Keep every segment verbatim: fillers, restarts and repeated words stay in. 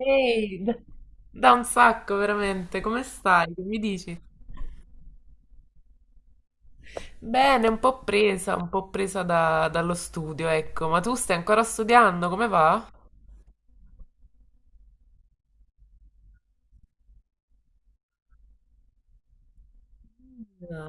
Ehi, d- da un sacco veramente, come stai? Che mi dici? Bene, un po' presa, un po' presa da- dallo studio, ecco, ma tu stai ancora studiando, come va? Ah,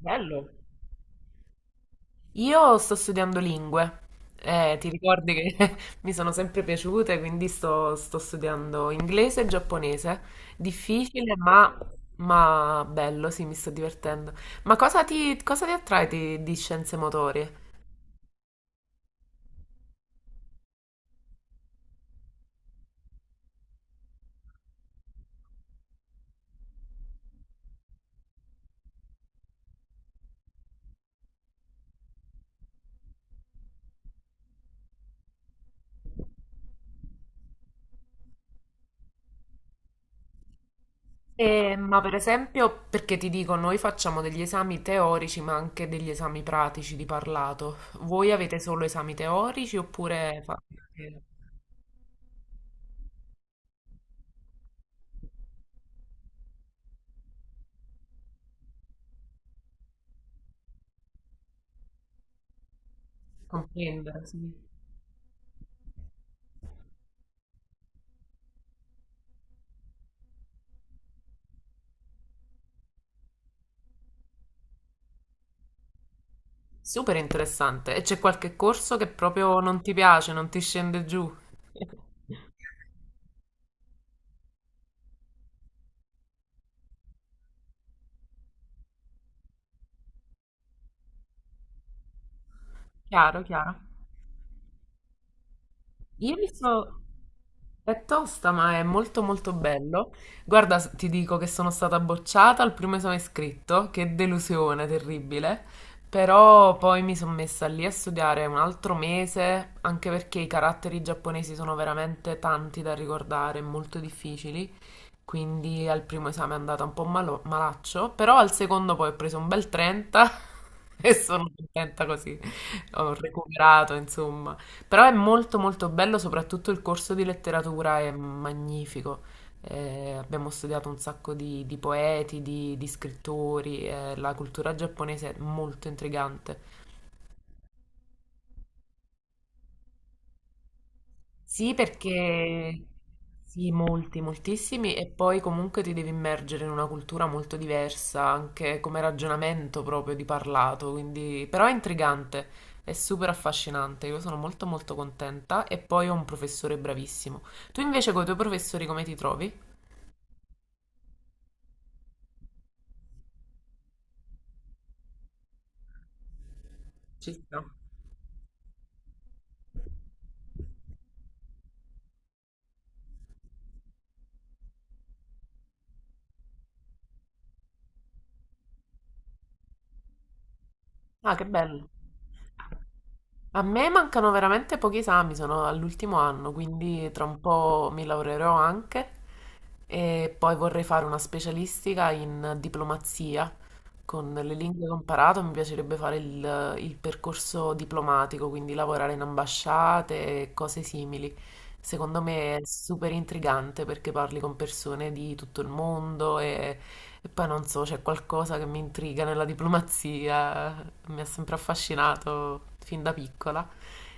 bello. Io sto studiando lingue. Eh, ti ricordi che mi sono sempre piaciute, quindi sto, sto studiando inglese e giapponese, difficile ma, ma bello, sì, mi sto divertendo. Ma cosa ti, cosa ti attrae di, di scienze motorie? Eh, ma per esempio, perché ti dico, noi facciamo degli esami teorici, ma anche degli esami pratici di parlato. Voi avete solo esami teorici oppure fate anche comprendere? Sì. Super interessante. E c'è qualche corso che proprio non ti piace, non ti scende giù? Chiaro, chiaro. Io mi sto... È tosta, ma è molto molto bello. Guarda, s- ti dico che sono stata bocciata al primo esame scritto, che delusione terribile, però poi mi sono messa lì a studiare un altro mese, anche perché i caratteri giapponesi sono veramente tanti da ricordare, molto difficili, quindi al primo esame è andata un po' malo- malaccio, però al secondo poi ho preso un bel trenta e sono contenta così, ho recuperato insomma. Però è molto molto bello, soprattutto il corso di letteratura è magnifico. Eh, abbiamo studiato un sacco di, di poeti, di, di scrittori. Eh, la cultura giapponese è molto intrigante. Sì, perché sì, molti, moltissimi, e poi comunque ti devi immergere in una cultura molto diversa, anche come ragionamento proprio di parlato, quindi però è intrigante, è super affascinante, io sono molto molto contenta e poi ho un professore bravissimo. Tu invece con i tuoi professori come ti trovi? Ci sta. Ah, che bello. A me mancano veramente pochi esami, sono all'ultimo anno, quindi tra un po' mi laureerò anche e poi vorrei fare una specialistica in diplomazia. Con le lingue che ho imparato mi piacerebbe fare il, il percorso diplomatico, quindi lavorare in ambasciate e cose simili. Secondo me è super intrigante perché parli con persone di tutto il mondo e e poi non so, c'è qualcosa che mi intriga nella diplomazia, mi ha sempre affascinato fin da piccola.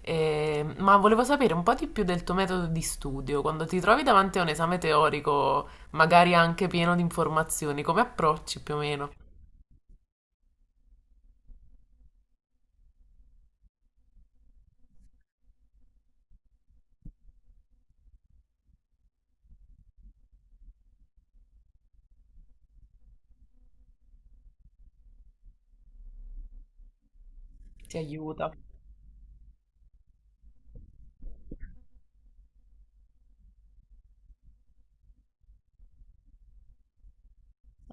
E- ma volevo sapere un po' di più del tuo metodo di studio. Quando ti trovi davanti a un esame teorico, magari anche pieno di informazioni, come approcci più o meno? Ti aiuta.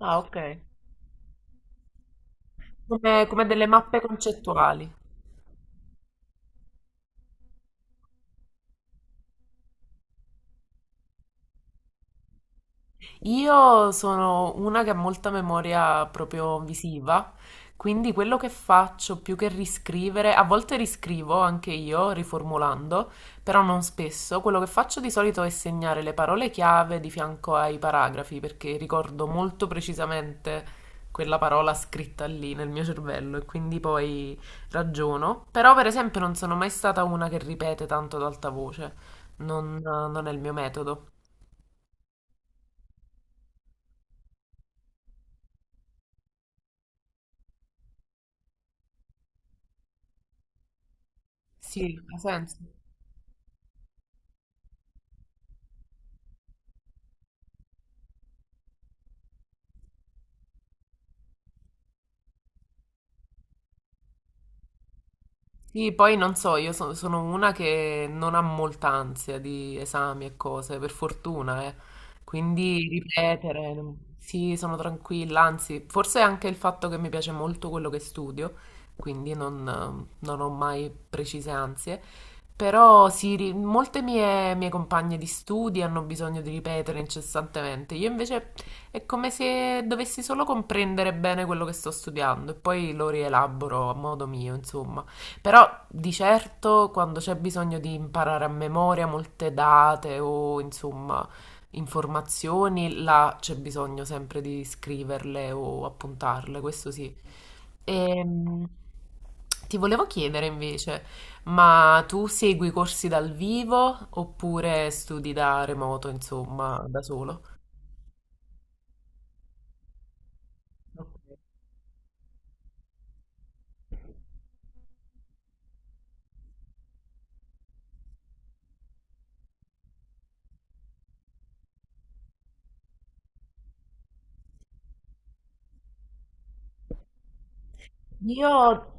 Ah, ok. Come, come delle mappe concettuali. Io sono una che ha molta memoria proprio visiva, quindi quello che faccio più che riscrivere, a volte riscrivo anche io riformulando, però non spesso. Quello che faccio di solito è segnare le parole chiave di fianco ai paragrafi, perché ricordo molto precisamente quella parola scritta lì nel mio cervello e quindi poi ragiono. Però per esempio non sono mai stata una che ripete tanto ad alta voce, non non è il mio metodo. Sì, ha senso. Sì, poi non so, io so- sono una che non ha molta ansia di esami e cose, per fortuna, eh. Quindi ripetere, non- sì, sono tranquilla, anzi, forse è anche il fatto che mi piace molto quello che studio, quindi non, non ho mai precise ansie. Però sì, ri- molte mie, mie compagne di studi hanno bisogno di ripetere incessantemente. Io invece è come se dovessi solo comprendere bene quello che sto studiando e poi lo rielaboro a modo mio, insomma. Però di certo quando c'è bisogno di imparare a memoria molte date o insomma informazioni, là c'è bisogno sempre di scriverle o appuntarle, questo sì. Ehm, Ti volevo chiedere invece, ma tu segui corsi dal vivo oppure studi da remoto, insomma, da solo? Io,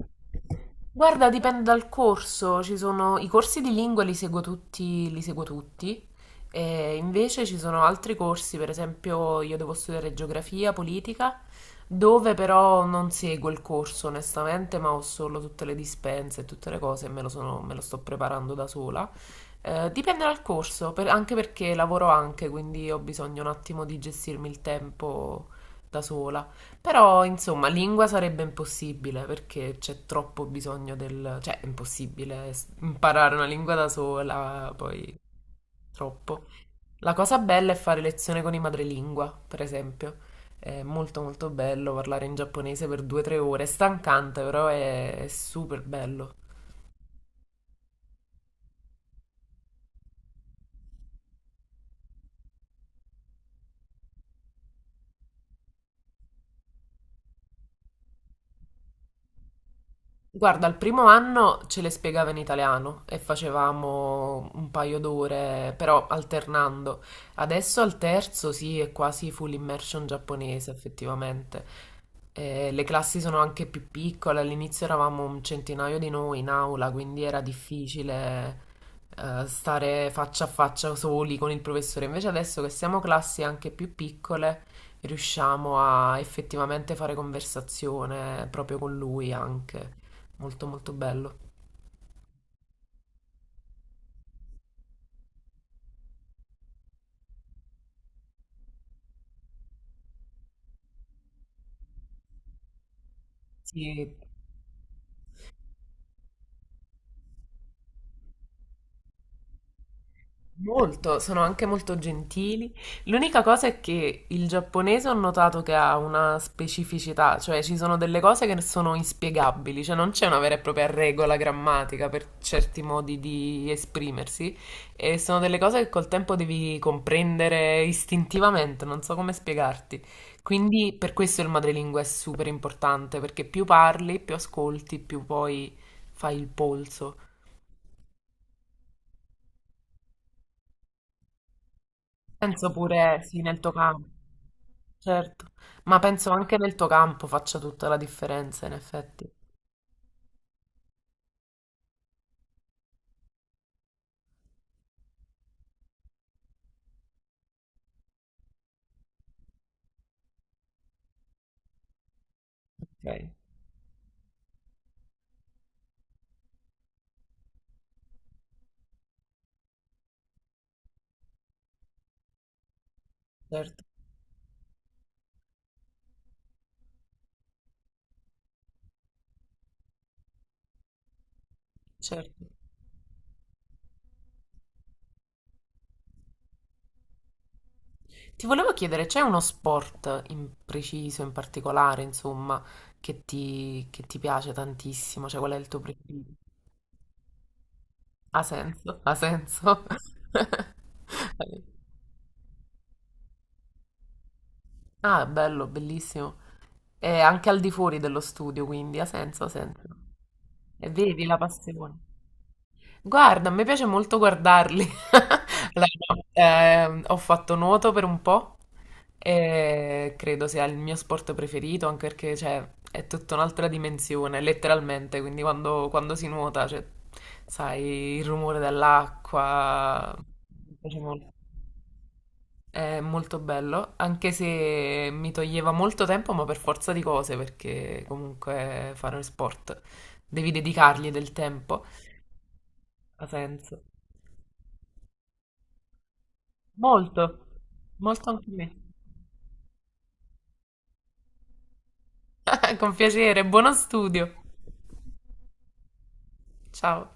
Guarda, dipende dal corso. Ci sono i corsi di lingua, li seguo tutti, li seguo tutti. E invece ci sono altri corsi. Per esempio, io devo studiare geografia, politica, dove però non seguo il corso, onestamente, ma ho solo tutte le dispense e tutte le cose e me lo sono- me lo sto preparando da sola. Eh, dipende dal corso, per- anche perché lavoro anche, quindi ho bisogno un attimo di gestirmi il tempo da sola. Però, insomma, lingua sarebbe impossibile perché c'è troppo bisogno del... cioè, è impossibile s- imparare una lingua da sola, poi troppo. La cosa bella è fare lezione con i madrelingua, per esempio. È molto molto bello parlare in giapponese per due o tre ore, è stancante, però è, è super bello. Guarda, il primo anno ce le spiegava in italiano e facevamo un paio d'ore, però alternando. Adesso al terzo sì, è quasi full immersion giapponese, effettivamente. Eh, le classi sono anche più piccole, all'inizio eravamo un centinaio di noi in aula, quindi era difficile eh, stare faccia a faccia soli con il professore. Invece adesso che siamo classi anche più piccole, riusciamo a effettivamente fare conversazione proprio con lui anche. Molto molto bello. Sì, molto, sono anche molto gentili. L'unica cosa è che il giapponese ho notato che ha una specificità, cioè ci sono delle cose che sono inspiegabili, cioè non c'è una vera e propria regola grammatica per certi modi di esprimersi e sono delle cose che col tempo devi comprendere istintivamente, non so come spiegarti. Quindi per questo il madrelingua è super importante, perché più parli, più ascolti, più poi fai il polso. Penso pure, sì, nel tuo campo, certo, ma penso anche nel tuo campo faccia tutta la differenza, in effetti. Ok, certo, certo. Ti volevo chiedere, c'è uno sport in preciso, in particolare, insomma, che ti, che ti piace tantissimo? Cioè, qual è il tuo preferito? Ha senso? Ha senso? Ah, bello, bellissimo. E anche al di fuori dello studio, quindi ha senso, ha senso. E vedi la passione. Guarda, a me piace molto guardarli. Allora, no, ehm, ho fatto nuoto per un po' e credo sia il mio sport preferito, anche perché cioè, è tutta un'altra dimensione, letteralmente. Quindi quando, quando si nuota, cioè, sai, il rumore dell'acqua, mi piace molto. È molto bello, anche se mi toglieva molto tempo, ma per forza di cose, perché comunque fare sport devi dedicargli del tempo, ha senso. Molto, molto anche a me. Con piacere, buono studio. Ciao.